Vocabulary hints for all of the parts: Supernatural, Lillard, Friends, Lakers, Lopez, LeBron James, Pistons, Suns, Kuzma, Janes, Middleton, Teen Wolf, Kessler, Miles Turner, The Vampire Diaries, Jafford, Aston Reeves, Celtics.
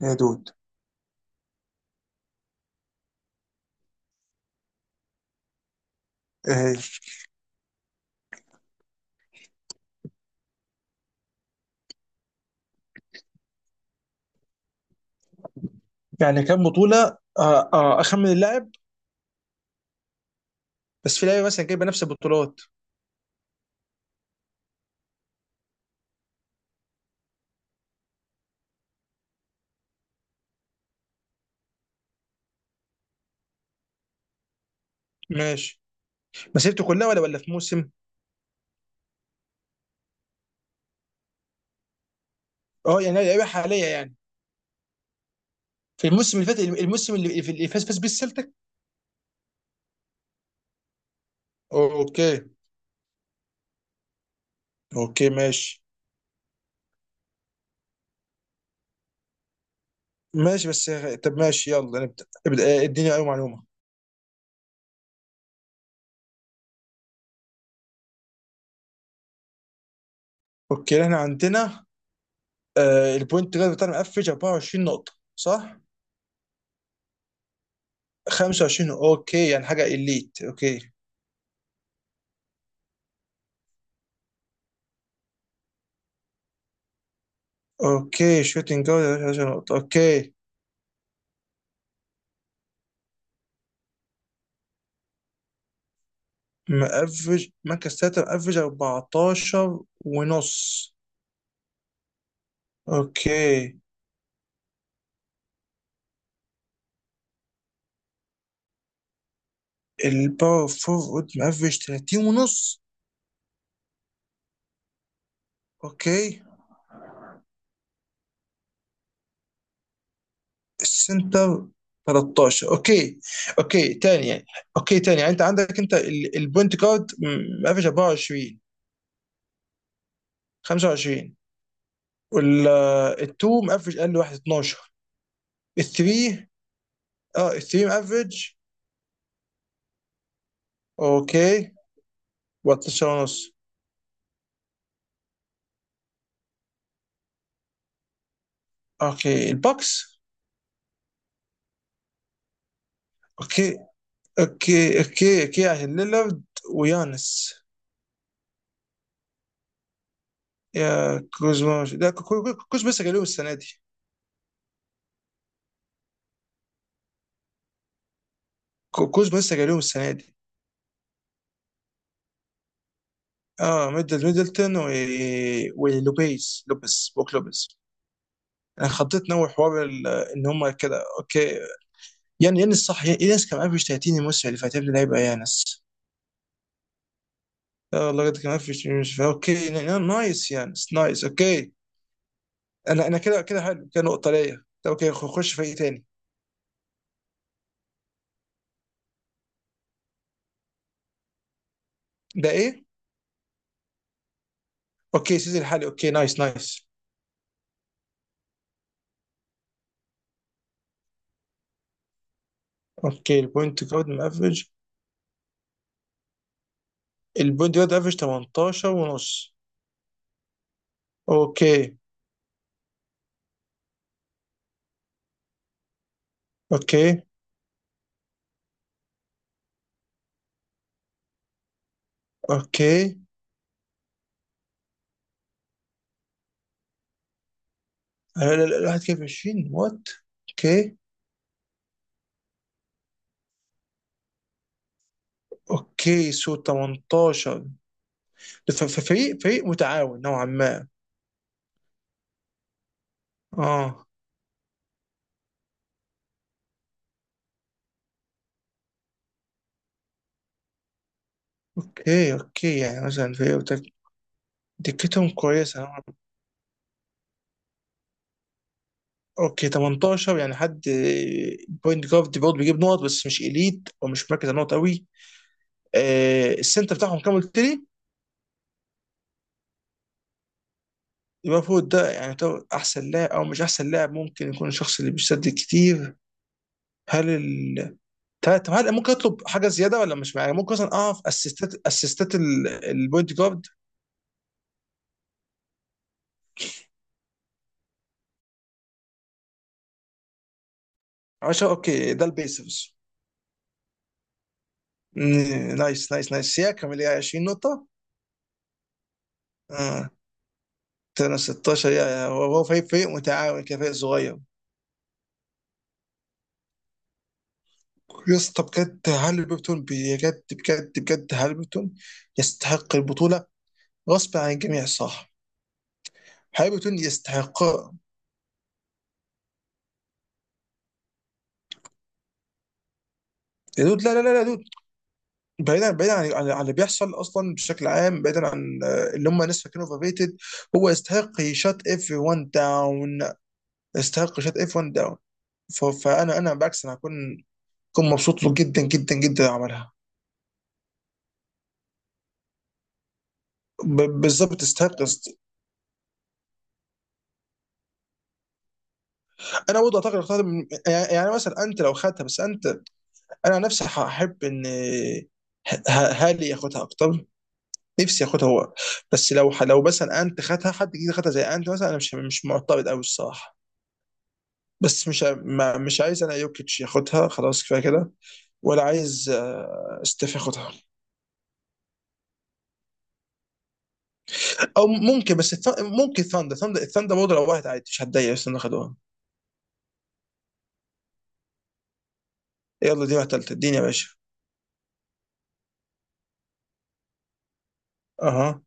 يا دود. ايه هي؟ يعني كام بطولة، آه، أخمن اللاعب. بس في لعيبة مثلا جايبة نفس البطولات. ماشي. مسيرته كلها ولا في موسم؟ اه يعني لعيبة حالية يعني. في الموسم اللي فات، الموسم اللي فاز بيه السلتك. اوكي اوكي ماشي ماشي بس. طب ماشي، يلا نبدأ ابدأ، اديني أي معلومة. اوكي احنا عندنا، البوينت جارد بتاعنا مقفش 24 نقطة صح؟ 25، اوكي يعني حاجة إليت. اوكي اوكي، شوتنج جارد 10 نقطة. اوكي، مقفش مركز تلاتة، مقفش 14 ونص. اوكي، الباور فورورد مقفش 30 ونص. اوكي، السنتر 13. اوكي. اوكي تاني يعني، اوكي تاني يعني انت عندك انت البوينت جارد مقفش 24. 25. والتو مقفش اقل واحد 12. الثري، اه الثري مقفش. اوكي 13 ونص. اوكي البوكس. اوكي اوكي اوكي اوكي عشان ليلارد ويانس. يا كوزما، لا، كوزما لسه جاي لهم السنه دي. كوزما لسه جاي لهم السنه دي. اه ميدلتون و... ولوبيز، لوبيز بوك لوبيز. انا خطيت نوع حوار ان هم كده. اوكي يعني يانس صح، يانس كان قافش 30 الموسم اللي فات، يا ابني ده هيبقى يانس. اه لقد كان قافش الموسم. اوكي، نايس، يانس نايس. اوكي، انا كده كده حلو كده، نقطه ليا. طب اوكي، خش فريق تاني. ده ايه؟ اوكي سيزي الحالي، اوكي نايس نايس. اوكي البوينت جارد افريج، البوينت جارد افريج 18 ونص. اوكي اوكي اوكي، لا لا لا، الواحد كده في 20، وات. اوكي. اوكي سو 18، فريق متعاون نوعا ما. اه. اوكي اوكي يعني مثلا دكتهم كويسه نوعاً ما. اوكي 18 يعني حد، بوينت جارد برضه بيجيب نقط بس مش اليت ومش مركز على النقط قوي. آه السنتر بتاعهم كام قلت لي؟ يبقى فوق ده يعني يعتبر احسن لاعب او مش احسن لاعب، ممكن يكون الشخص اللي بيسدد كتير. هل ال... طب طب هل ممكن اطلب حاجه زياده، ولا مش يعني ممكن مثلا اعرف اسيستات، اسيستات البوينت جارد. 10، اوكي ده البيسرز. مم، نايس نايس نايس، يا كامل، يا 20 نقطه. اه تنا 16، هو فريق متعاون كده، فريق صغير. يا اسطى بجد، هل بيبتون بجد بجد بجد، هل بيبتون يستحق البطوله غصب عن الجميع، صح؟ هل بيبتون يستحق. يا دود، لا لا لا يا دود، بعيدا بعيدا عن اللي بيحصل اصلا بشكل عام، بعيدا عن اللي هم الناس فاكرينه اوفرريتد. هو يستحق يشات اف 1 داون، يستحق يشات اف 1 داون. فانا بالعكس، انا هكون مبسوط له جدا جدا جدا لو عملها. بالظبط يستحق انا برضه اعتقد اختار يعني يعني مثلا انت لو خدتها، بس انت انا عن نفسي هحب ان هالي ياخدها اكتر، نفسي ياخدها هو. بس لو لو مثلا انت خدها حد جديد، خدها زي انت مثلا، انا مش معترض قوي الصراحه. بس مش ع- ما- مش عايز انا يوكيتش ياخدها، خلاص كفايه كده. ولا عايز ستيف ياخدها. او ممكن، ممكن ثاندر، الثاندر برضه لو واحد عادي مش هتضايق، بس انه خدوها. يلا دي واحده ثالثه، اديني يا باشا. اها.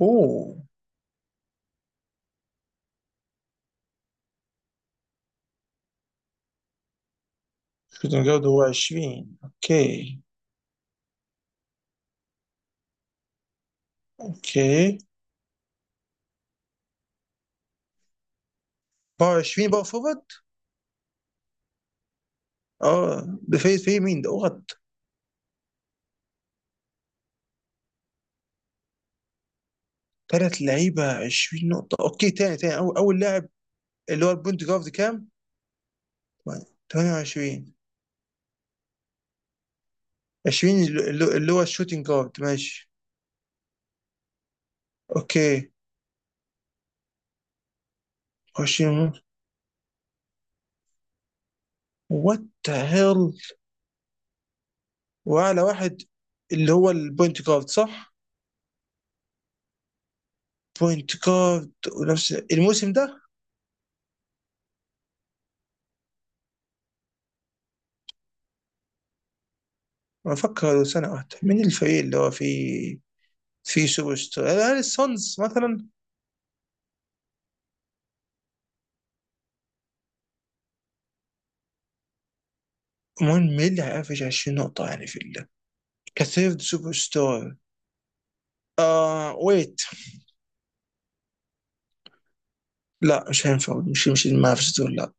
اوه. شوتنج جارد هو 20، اوكي. اوكي باور 20، باور فورورد. اه ده في في مين ده؟ اوغد. ثلاث لعيبه 20 نقطه. اوكي تاني تاني، اول اول لاعب اللي هو البوينت جارد كام؟ 28. 20 اللي هو الشوتنج جارد، ماشي. اوكي. واشنطن. وات ذا هيل. واعلى واحد اللي هو البوينت جارد صح؟ بوينت جارد ونفس الموسم ده. ما افكر سنه واحده، مين الفريق اللي هو فيه؟ فيه سوبر ستار؟ هل السونز مثلا؟ المهم مين اللي هيقفش 20 نقطه يعني في كثيرد سوبر ستار. آه ويت، لا مش هينفع، مش المنافسة دول لا.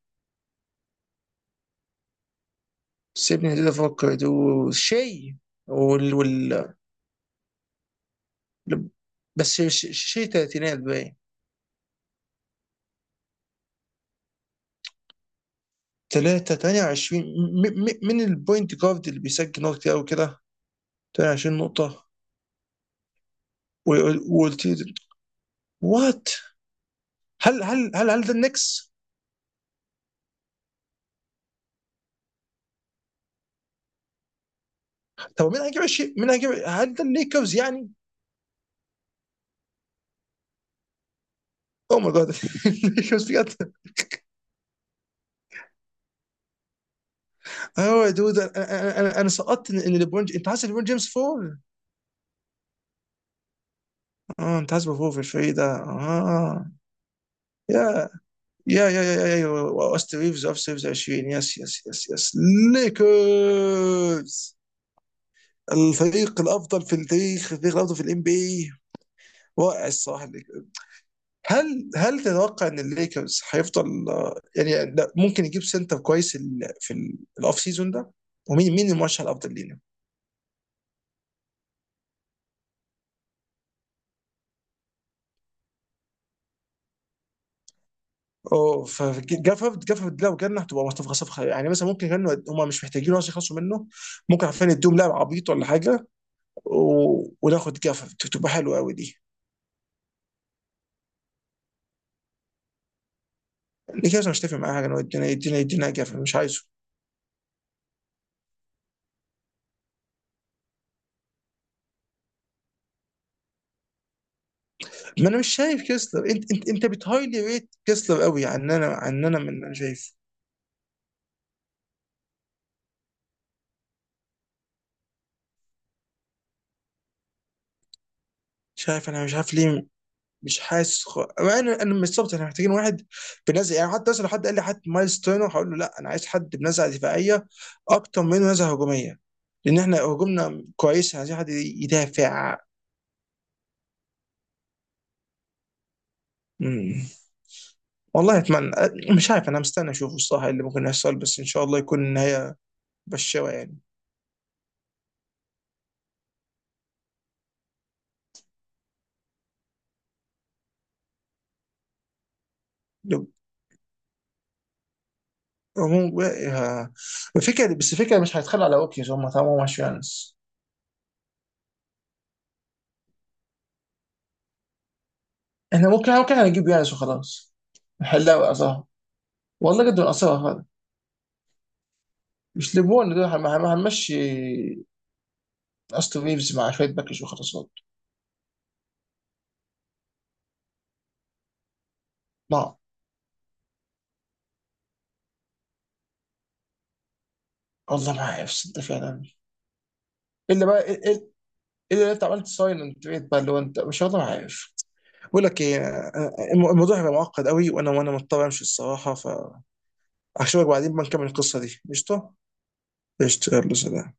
سيبني كده افكر، دول شيء. وال وال بس شيء تلاتينات باين. 3 28. من البوينت جارد اللي بيسجل نقط كتير قوي كده، 28 نقطة. وقلت لي، وات؟ هل ده النكس؟ طب مين هيجيب 20، مين هيجيب؟ هل ده الليكرز يعني؟ او ماي جاد، الليكرز بجد. اه يا دود، انا أنا سقطت ان، إن ليبرون، انت حاسس ليبرون جيمس فول. اه انت حاسس فول في الفريق ده، اه. يا يا واست ريفز اوف سيفز 20، يس يس يس يس. ليكرز، الفريق الافضل في التاريخ، الفريق الافضل في الام بي اي. رائع الصراحه الليكرز. هل تتوقع ان الليكرز هيفضل، يعني لا، ممكن يجيب سنتر كويس في الاوف سيزون ده. ومين مين المرشح الافضل لينا؟ اوه، فجافرد جافرد لو جالنا هتبقى صفقه صفقه يعني، مثلا ممكن كانوا هم مش محتاجين اصلا يخلصوا منه، ممكن عارفين يدوهم لاعب عبيط ولا حاجه، و... وناخد جافرد، تبقى حلوه قوي دي. الليكرز، أنا مش هتفق معاها حاجه إنه يدينا جافرد، مش عايزه. ما انا مش شايف كيسلر، انت بتهايلي ريت كيسلر قوي عن انا، من انا شايف. مش عارف انا، مش عارف ليه، مش حاسس انا مش بالظبط، احنا محتاجين واحد بنزع يعني، حتى مثلا لو حد قال لي، حد مايلز تيرنر هقول له لا، انا عايز حد بنزعه دفاعيه اكتر منه نزعه هجوميه، لان احنا هجومنا كويس، عايزين حد يدافع. مم. والله اتمنى، مش عارف، انا مستني اشوف الصراحه إيه اللي ممكن يحصل، بس ان شاء الله يكون النهايه بشوه يعني. هو- آه، الفكره بس، الفكره مش هيتخلوا على اوكيز هم طالما مش يانس. احنا ممكن هنجيب يانس وخلاص، نحلها وقصها. والله جد من قصها هذا. مش ليبون، دول هنمشي استون ريفز مع شويه باكج وخلاص برضه. لا والله ما عارف صدق فعلا. الا بقى إل- إل- الا لو انت عملت ساين اند تريد بقى اللي هو انت مش، والله ما عارف. بقول لك ايه، الموضوع هيبقى معقد قوي، وانا مضطر امشي الصراحه. فاشوفك بعدين بقى، نكمل القصه دي قشطه. قشطه، يلا سلام.